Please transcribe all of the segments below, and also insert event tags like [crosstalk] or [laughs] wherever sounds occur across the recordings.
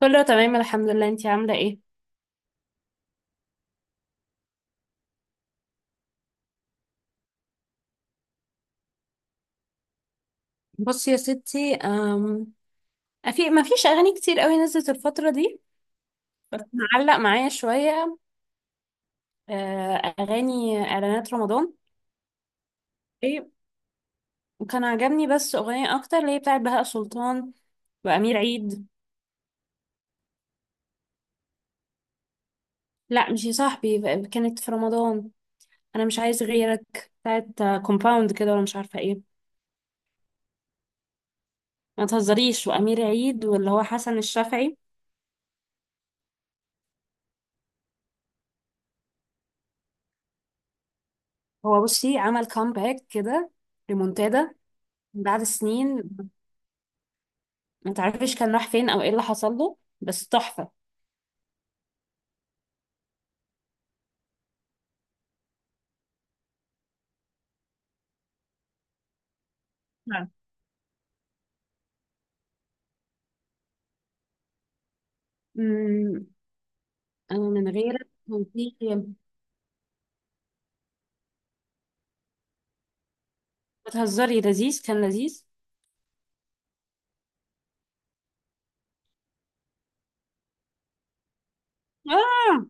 كله تمام، الحمد لله. انتي عاملة ايه؟ بصي يا ستي، ما فيش أغاني كتير قوي نزلت الفترة دي. بس معلق معايا شوية. آه، أغاني إعلانات رمضان. ايه. وكان عجبني بس أغنية أكتر، اللي هي بتاعت بهاء سلطان وأمير عيد. لا مش يا صاحبي، كانت في رمضان. أنا مش عايز غيرك، بتاعت كومباوند كده ولا مش عارفة ايه. ما تهزريش. وأمير عيد واللي هو حسن الشافعي. هو بصي، عمل كامباك كده. ريمونتادا. بعد سنين. ما تعرفش كان راح فين او ايه اللي حصل له، بس تحفة. نعم. امم انا من غيرك كان في. بتهزري. لذيذ، كان لذيذ. اه.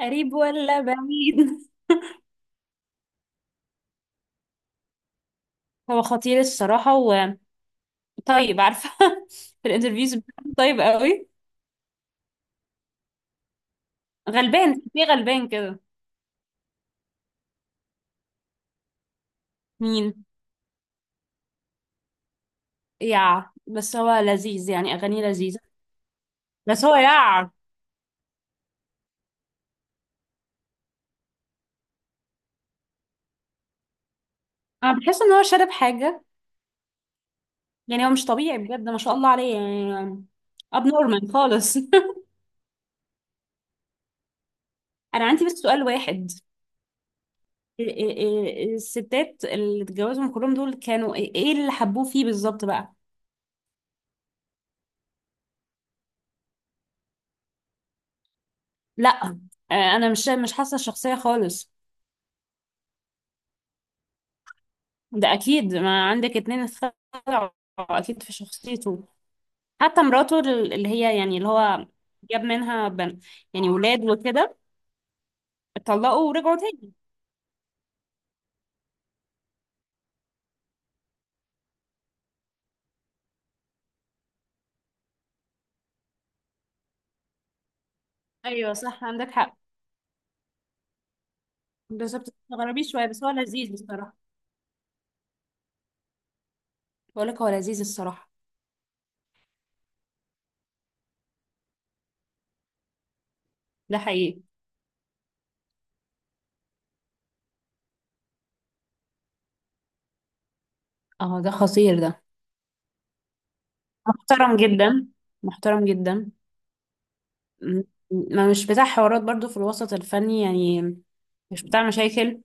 قريب ولا بعيد؟ [laughs] هو خطير الصراحة. وطيب، عارفة. [laughs] في الانترفيوز بتاعته طيب قوي. غلبان، في غلبان كده. مين؟ بس هو لذيذ، يعني اغانيه لذيذة. بس هو. انا بحس ان هو شارب حاجة. يعني هو مش طبيعي بجد، ما شاء الله عليه يعني. اب نورمال خالص. [laughs] انا عندي بس سؤال واحد. إيه الستات اللي اتجوزهم كلهم دول كانوا ايه، إيه اللي حبوه فيه بالظبط بقى؟ لا. انا مش حاسه الشخصيه خالص. ده اكيد، ما عندك اتنين اتخلعوا. اكيد في شخصيته. حتى مراته، اللي هي يعني اللي هو جاب منها بن، يعني ولاد وكده. اتطلقوا ورجعوا تاني. ايوه صح، عندك حق. بس بتستغربيه شويه، بس هو لذيذ بصراحه. بقول لك هو لذيذ الصراحه. ده حقيقي. اه، ده خطير ده. محترم جدا. محترم جدا. م- ما مش بتاع حوارات برضو في الوسط الفني يعني. مش بتاع مشاكل.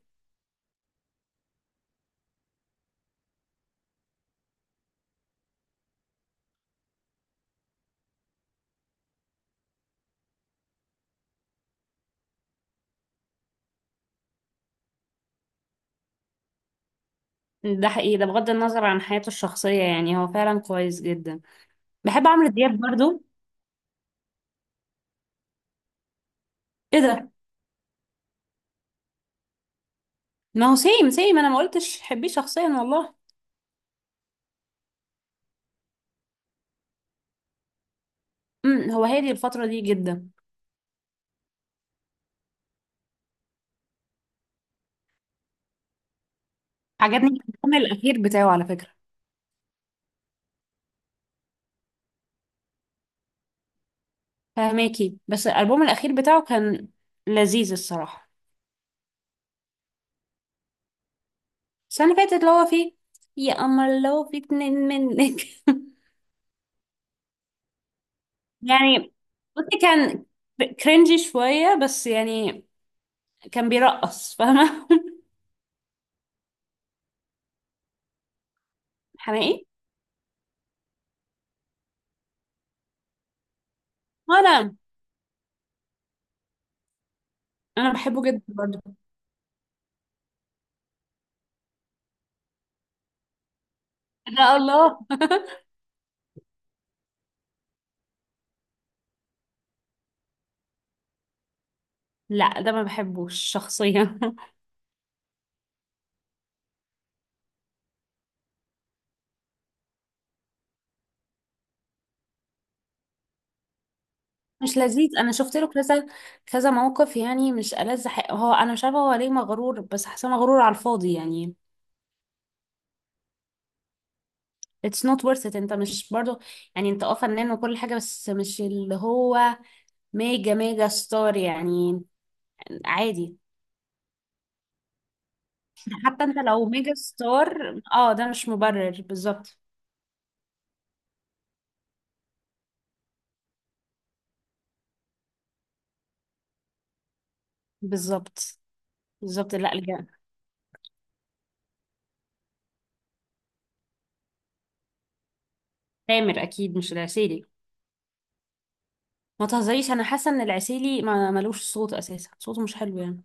ده حقيقي، ده بغض النظر عن حياته الشخصية، يعني هو فعلا كويس جدا. بحب عمرو دياب برضو. ايه ده؟ ما هو سيم سيم، انا ما قلتش حبيه شخصيا والله. هو هادي الفترة دي جدا. عجبني الالبوم الاخير بتاعه على فكرة. فهماكي. بس الالبوم الاخير بتاعه كان لذيذ الصراحة. السنة اللي فاتت اللي هو فيه يا قمر لو في اتنين منك. [laughs] يعني، بصي، كان كرنجي شوية بس يعني. كان بيرقص فاهمة. [laughs] حماقي. وانا، انا بحبه جدا برضه. لا الله. [laughs] لا، ده ما بحبوش شخصيا. [laughs] مش لذيذ. انا شفت له كذا كذا موقف. يعني مش ألذ حق هو. انا مش عارفه هو ليه مغرور، بس حاسه مغرور على الفاضي يعني. it's not worth it. انت مش برضه، يعني انت اه فنان وكل حاجه، بس مش اللي هو ميجا ميجا ستار يعني. عادي. حتى انت لو ميجا ستار، اه ده مش مبرر بالظبط. بالظبط. بالظبط. لا تامر اكيد مش العسيلي. ما تهزريش. انا حاسه ان العسيلي ما ملوش صوت اساسا، صوته مش حلو يعني.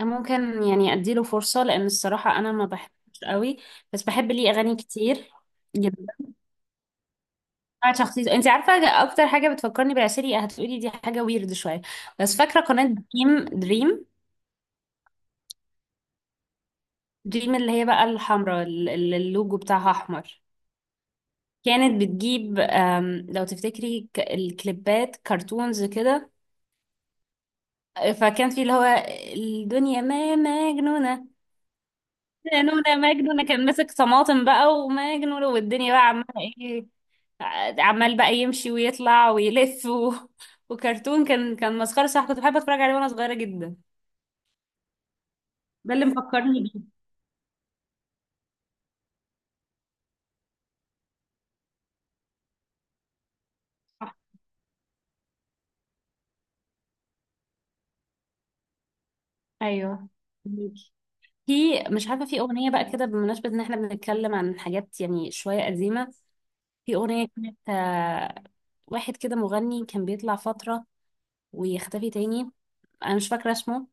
أنا ممكن يعني اديله فرصه، لان الصراحه انا ما بحبش قوي. بس بحب ليه اغاني كتير جدا. بتاعت شخصيته انت عارفه. اكتر حاجه بتفكرني بالعسيلي، هتقولي دي حاجه، ويرد شويه. بس فاكره قناه دريم دريم، دريم اللي هي بقى الحمراء، اللي اللوجو بتاعها احمر. كانت بتجيب لو تفتكري، الكليبات كرتونز كده. فكان في اللي هو الدنيا ما مجنونة. مجنونة مجنونة، كان ماسك طماطم بقى ومجنونة، والدنيا بقى عمالة ايه، عمال بقى يمشي ويطلع ويلف. وكرتون، كان مسخرة. صح، كنت بحب اتفرج عليه وانا صغيرة جدا. ده اللي مفكرني بيه. صح. ايوه. في، مش عارفة، في أغنية بقى كده بمناسبة إن إحنا بنتكلم عن حاجات يعني شوية قديمة. في أغنية كانت، واحد كده مغني كان بيطلع فترة ويختفي تاني. أنا مش فاكرة اسمه،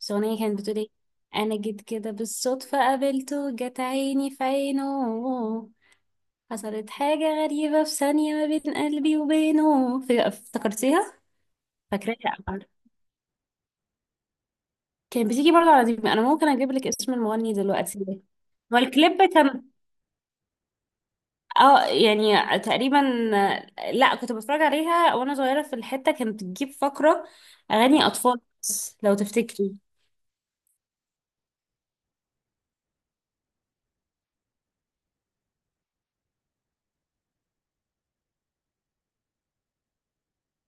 بس الأغنية كانت بتقول إيه. أنا جيت كده بالصدفة، قابلته، جت عيني في عينه. حصلت حاجة غريبة في ثانية ما بين قلبي وبينه. افتكرتيها؟ فاكراها. كان بتيجي برضه على دي. أنا ممكن أجيب لك اسم المغني دلوقتي. هو الكليب كان. اه، يعني تقريبا. لا، كنت بتفرج عليها وانا صغيرة. في الحتة كانت بتجيب فقرة اغاني اطفال، بس لو تفتكري.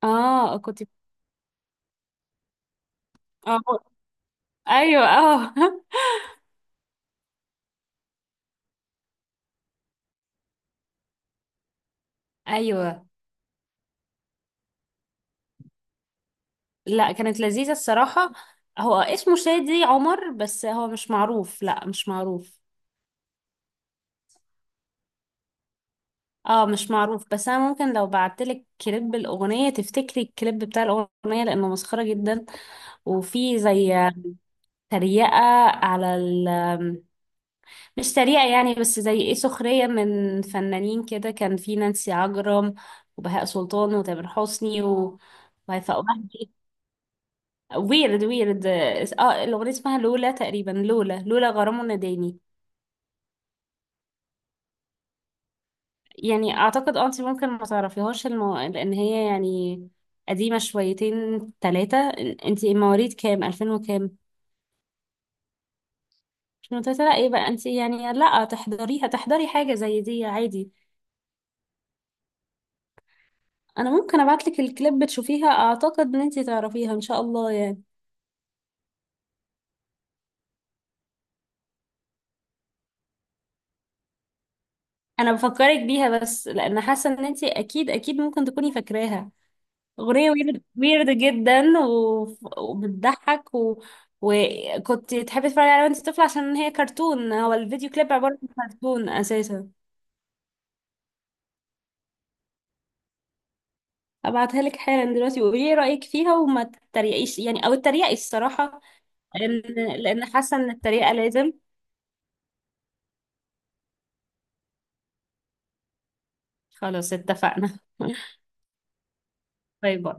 اه، كنت. اه. ايوه، اه. [laughs] ايوه. لا، كانت لذيذة الصراحة. هو اسمه شادي عمر، بس هو مش معروف. لا، مش معروف. اه، مش معروف. بس انا ممكن لو بعتلك كليب الاغنية تفتكري الكليب بتاع الاغنية، لانه مسخرة جدا. وفي زي تريقة على، مش سريع يعني، بس زي ايه، سخرية من فنانين كده. كان في نانسي عجرم، وبهاء سلطان، وتامر حسني. وهيفاء وهبي. ويرد ويرد. اه، الأغنية اسمها لولا تقريبا، لولا لولا غرام وناداني. يعني أعتقد اه انت ممكن ما تعرفيهاش لأن هي يعني قديمة شويتين تلاتة. انت مواليد كام؟ ألفين وكام؟ 2003؟ لا ايه بقى انت يعني. لا تحضريها، تحضري حاجة زي دي عادي. انا ممكن ابعتلك الكليب تشوفيها، اعتقد ان انتي تعرفيها ان شاء الله يعني. انا بفكرك بيها بس لان حاسه ان انتي اكيد اكيد ممكن تكوني فاكراها. اغنيه ويرد ويرد جدا، وبتضحك. وكنت تحبي تتفرجي عليها وانتي طفله، عشان هي كرتون. هو الفيديو كليب عباره عن كرتون اساسا. ابعتها لك حالا دلوقتي، وقولي لي رايك فيها، وما تتريقيش يعني او تتريقي الصراحه. لان لان حاسه ان التريقه لازم. خلاص، اتفقنا. [laughs] باي باي.